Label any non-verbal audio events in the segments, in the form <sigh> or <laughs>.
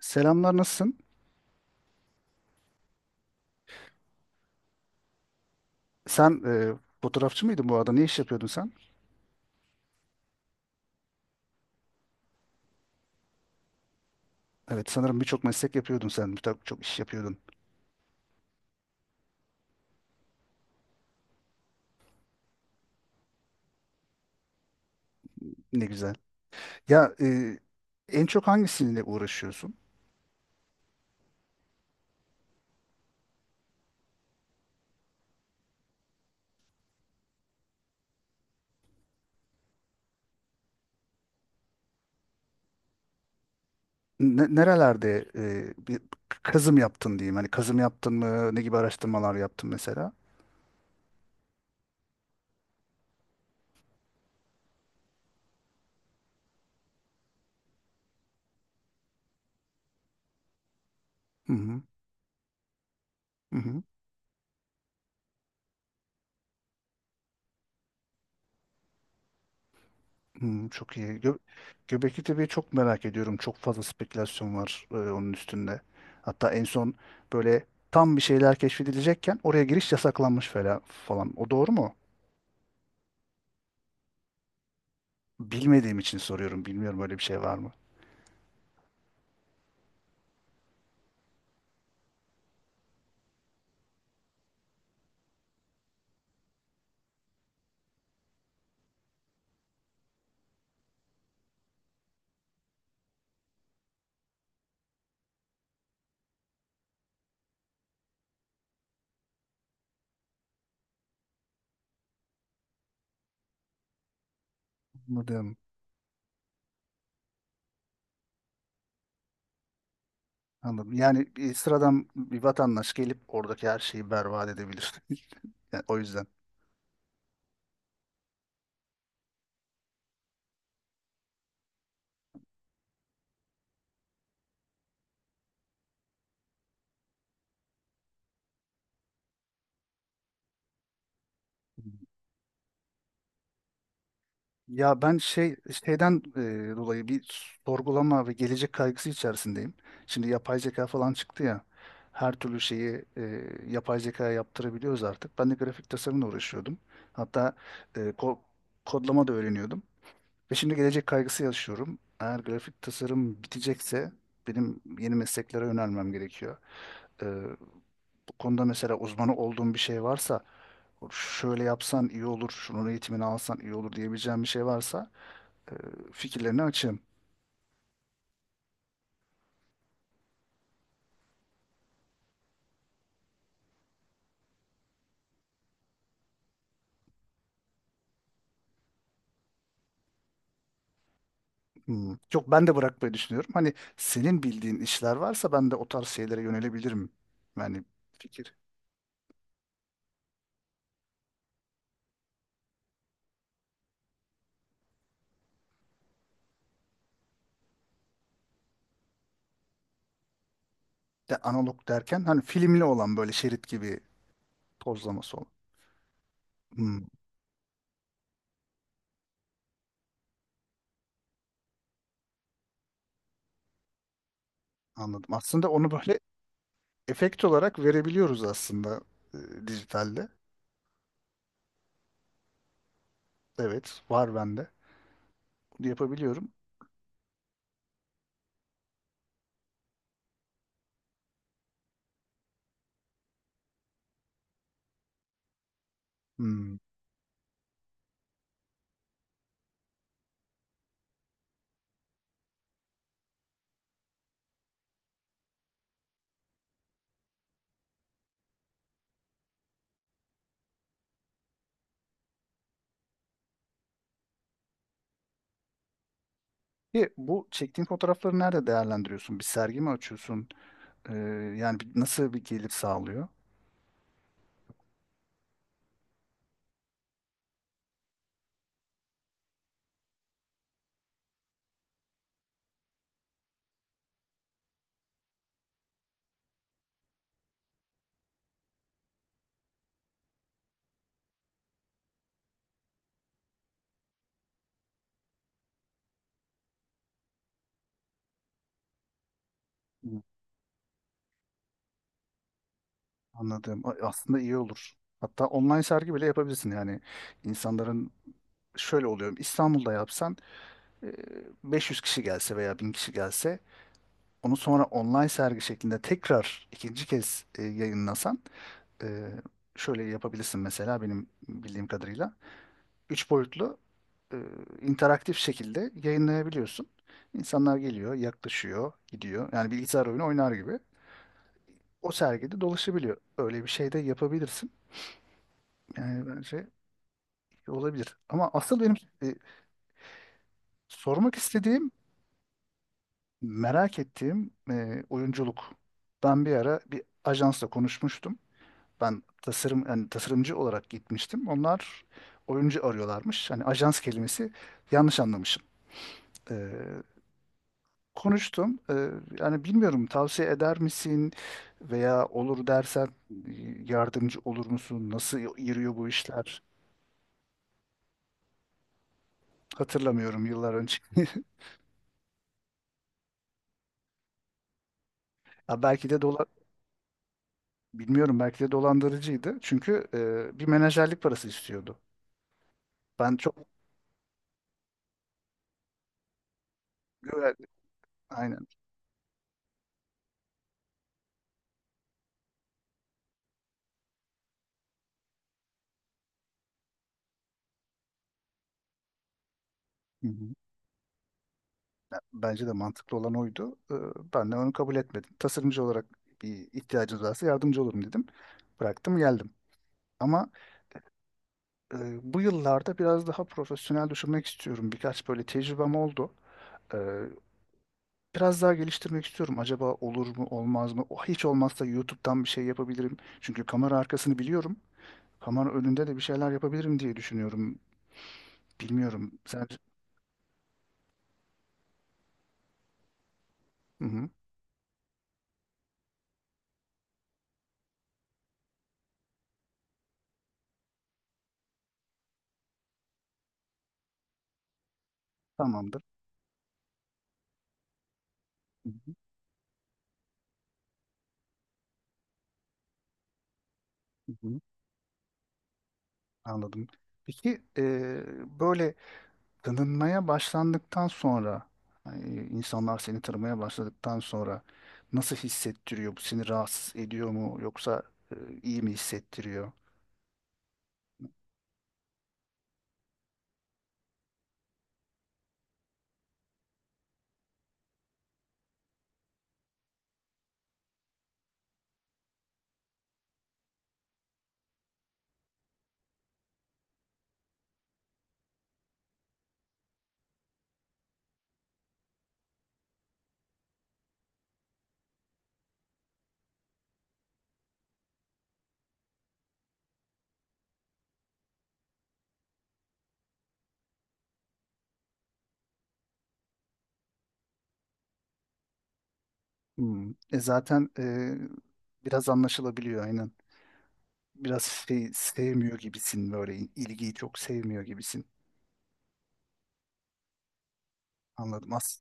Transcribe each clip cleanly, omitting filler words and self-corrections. Selamlar, nasılsın? Sen fotoğrafçı mıydın bu arada? Ne iş yapıyordun sen? Evet, sanırım birçok meslek yapıyordun sen. Birçok iş yapıyordun. Ne güzel. Ya, en çok hangisiyle uğraşıyorsun? Nerelerde bir kazım yaptın diyeyim. Hani kazım yaptın mı? Ne gibi araştırmalar yaptın mesela? Hı hı. Hı hı. Hı, çok iyi. Göbekli Tepe'yi çok merak ediyorum. Çok fazla spekülasyon var onun üstünde. Hatta en son böyle tam bir şeyler keşfedilecekken oraya giriş yasaklanmış falan falan. O doğru mu? Bilmediğim için soruyorum. Bilmiyorum böyle bir şey var mı? Anladım. Anladım. Yani bir sıradan bir vatandaş gelip oradaki her şeyi berbat edebilir. <laughs> Yani o yüzden. Ya ben şeyden dolayı bir sorgulama ve gelecek kaygısı içerisindeyim. Şimdi yapay zeka falan çıktı ya. Her türlü şeyi yapay zekaya yaptırabiliyoruz artık. Ben de grafik tasarımla uğraşıyordum. Hatta e, ko- kodlama da öğreniyordum. Ve şimdi gelecek kaygısı yaşıyorum. Eğer grafik tasarım bitecekse benim yeni mesleklere yönelmem gerekiyor. Ee, Bu konuda mesela uzmanı olduğum bir şey varsa, şöyle yapsan iyi olur, şunun eğitimini alsan iyi olur diyebileceğim bir şey varsa e, fikirlerini açığım. Hmm. Yok ben de bırakmayı düşünüyorum. Hani senin bildiğin işler varsa ben de o tarz şeylere yönelebilirim. Yani fikir. De analog derken hani filmli olan böyle şerit gibi tozlaması olan. Hmm, anladım. Aslında onu böyle efekt olarak verebiliyoruz aslında dijitalde. Evet, var bende. Bunu yapabiliyorum. Hmm. E, bu çektiğin fotoğrafları nerede değerlendiriyorsun? Bir sergi mi açıyorsun? E, Yani nasıl bir gelir sağlıyor? Hmm, anladım. Aslında iyi olur. Hatta online sergi bile yapabilirsin. Yani insanların şöyle oluyor. İstanbul'da yapsan e, 500 kişi gelse veya 1.000 kişi gelse onu sonra online sergi şeklinde tekrar ikinci kez yayınlasan. Ee, Şöyle yapabilirsin mesela benim bildiğim kadarıyla. Üç boyutlu e, interaktif şekilde yayınlayabiliyorsun. İnsanlar geliyor, yaklaşıyor, gidiyor. Yani bilgisayar oyunu oynar gibi. O sergide dolaşabiliyor. Öyle bir şey de yapabilirsin. Yani bence olabilir. Ama asıl benim e, sormak istediğim, merak ettiğim oyunculuk. Ben bir ara bir ajansla konuşmuştum. Ben tasarım yani tasarımcı olarak gitmiştim. Onlar oyuncu arıyorlarmış. Hani ajans kelimesi yanlış anlamışım. Ee, Konuştum. Yani bilmiyorum tavsiye eder misin veya olur dersen e, yardımcı olur musun? Nasıl yürüyor bu işler? Hatırlamıyorum yıllar önce. <laughs> Ya belki de bilmiyorum belki de dolandırıcıydı. Çünkü bir menajerlik parası istiyordu. Ben çok güven Aynen. Hı hı. Bence de mantıklı olan oydu. Ben de onu kabul etmedim. Tasarımcı olarak bir ihtiyacınız varsa yardımcı olurum dedim. Bıraktım geldim. Ama e, bu yıllarda biraz daha profesyonel düşünmek istiyorum. Birkaç böyle tecrübem oldu. Ee, Biraz daha geliştirmek istiyorum. Acaba olur mu olmaz mı? O hiç olmazsa YouTube'dan bir şey yapabilirim. Çünkü kamera arkasını biliyorum. Kamera önünde de bir şeyler yapabilirim diye düşünüyorum. Bilmiyorum. Sen... Hı hı, tamamdır. Hı hı, hı hı, anladım. Peki böyle tanınmaya başlandıktan sonra yani insanlar seni tanımaya başladıktan sonra nasıl hissettiriyor? Bu seni rahatsız ediyor mu yoksa e, iyi mi hissettiriyor? Hmm. E zaten biraz anlaşılabiliyor aynen. Biraz şey sevmiyor gibisin böyle ilgiyi çok sevmiyor gibisin. Anladım.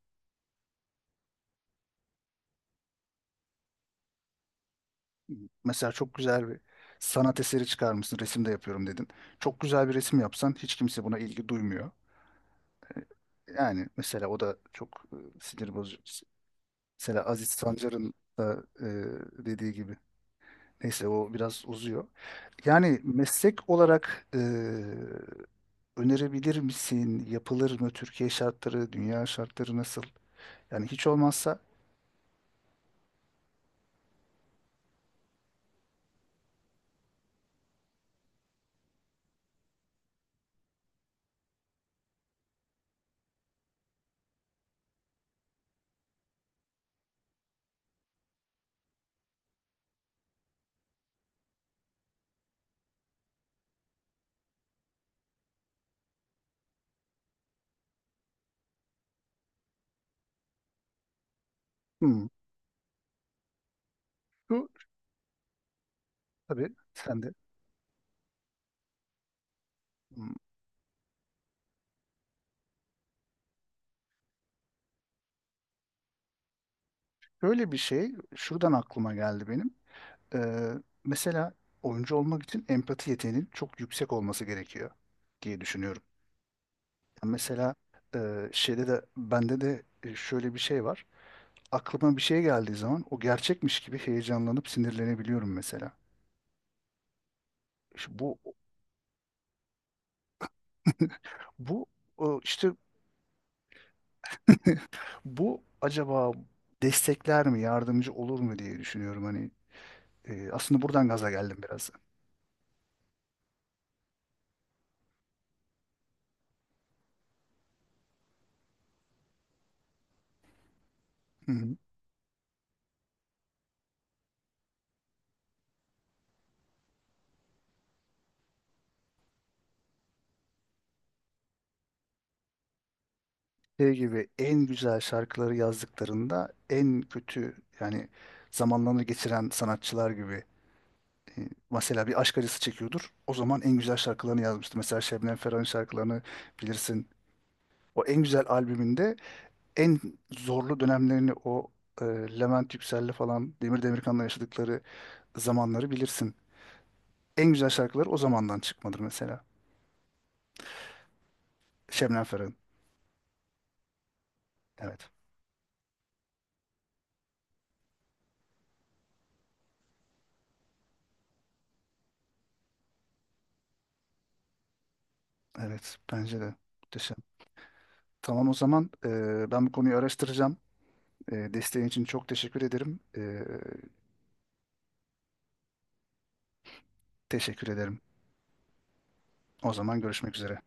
Mesela çok güzel bir sanat eseri çıkarmışsın, resim de yapıyorum dedin. Çok güzel bir resim yapsan hiç kimse buna ilgi duymuyor. Yani mesela o da çok sinir bozucu. Mesela Aziz Sancar'ın da dediği gibi. Neyse o biraz uzuyor. Yani meslek olarak önerebilir misin? Yapılır mı? Türkiye şartları, dünya şartları nasıl? Yani hiç olmazsa hmm, şu tabii sen de hmm, böyle bir şey şuradan aklıma geldi benim. Ee, Mesela oyuncu olmak için empati yeteneğinin çok yüksek olması gerekiyor diye düşünüyorum. Yani mesela şeyde de bende de şöyle bir şey var. Aklıma bir şey geldiği zaman o gerçekmiş gibi heyecanlanıp sinirlenebiliyorum mesela. İşte bu, işte bu acaba destekler mi, yardımcı olur mu diye düşünüyorum. Hani aslında buradan gaza geldim biraz. Hı hı. Şey gibi en güzel şarkıları yazdıklarında en kötü yani zamanlarını geçiren sanatçılar gibi mesela bir aşk acısı çekiyordur. O zaman en güzel şarkılarını yazmıştı. Mesela Şebnem Ferah'ın şarkılarını bilirsin. O en güzel albümünde en zorlu dönemlerini o e, Levent Yüksel'le falan Demir Demirkan'la yaşadıkları zamanları bilirsin. En güzel şarkıları o zamandan çıkmadır mesela. Şebnem Ferah'ın. Evet. Evet. Bence de. Muhteşem. Tamam o zaman ben bu konuyu araştıracağım. Desteğin için çok teşekkür ederim. Teşekkür ederim. O zaman görüşmek üzere.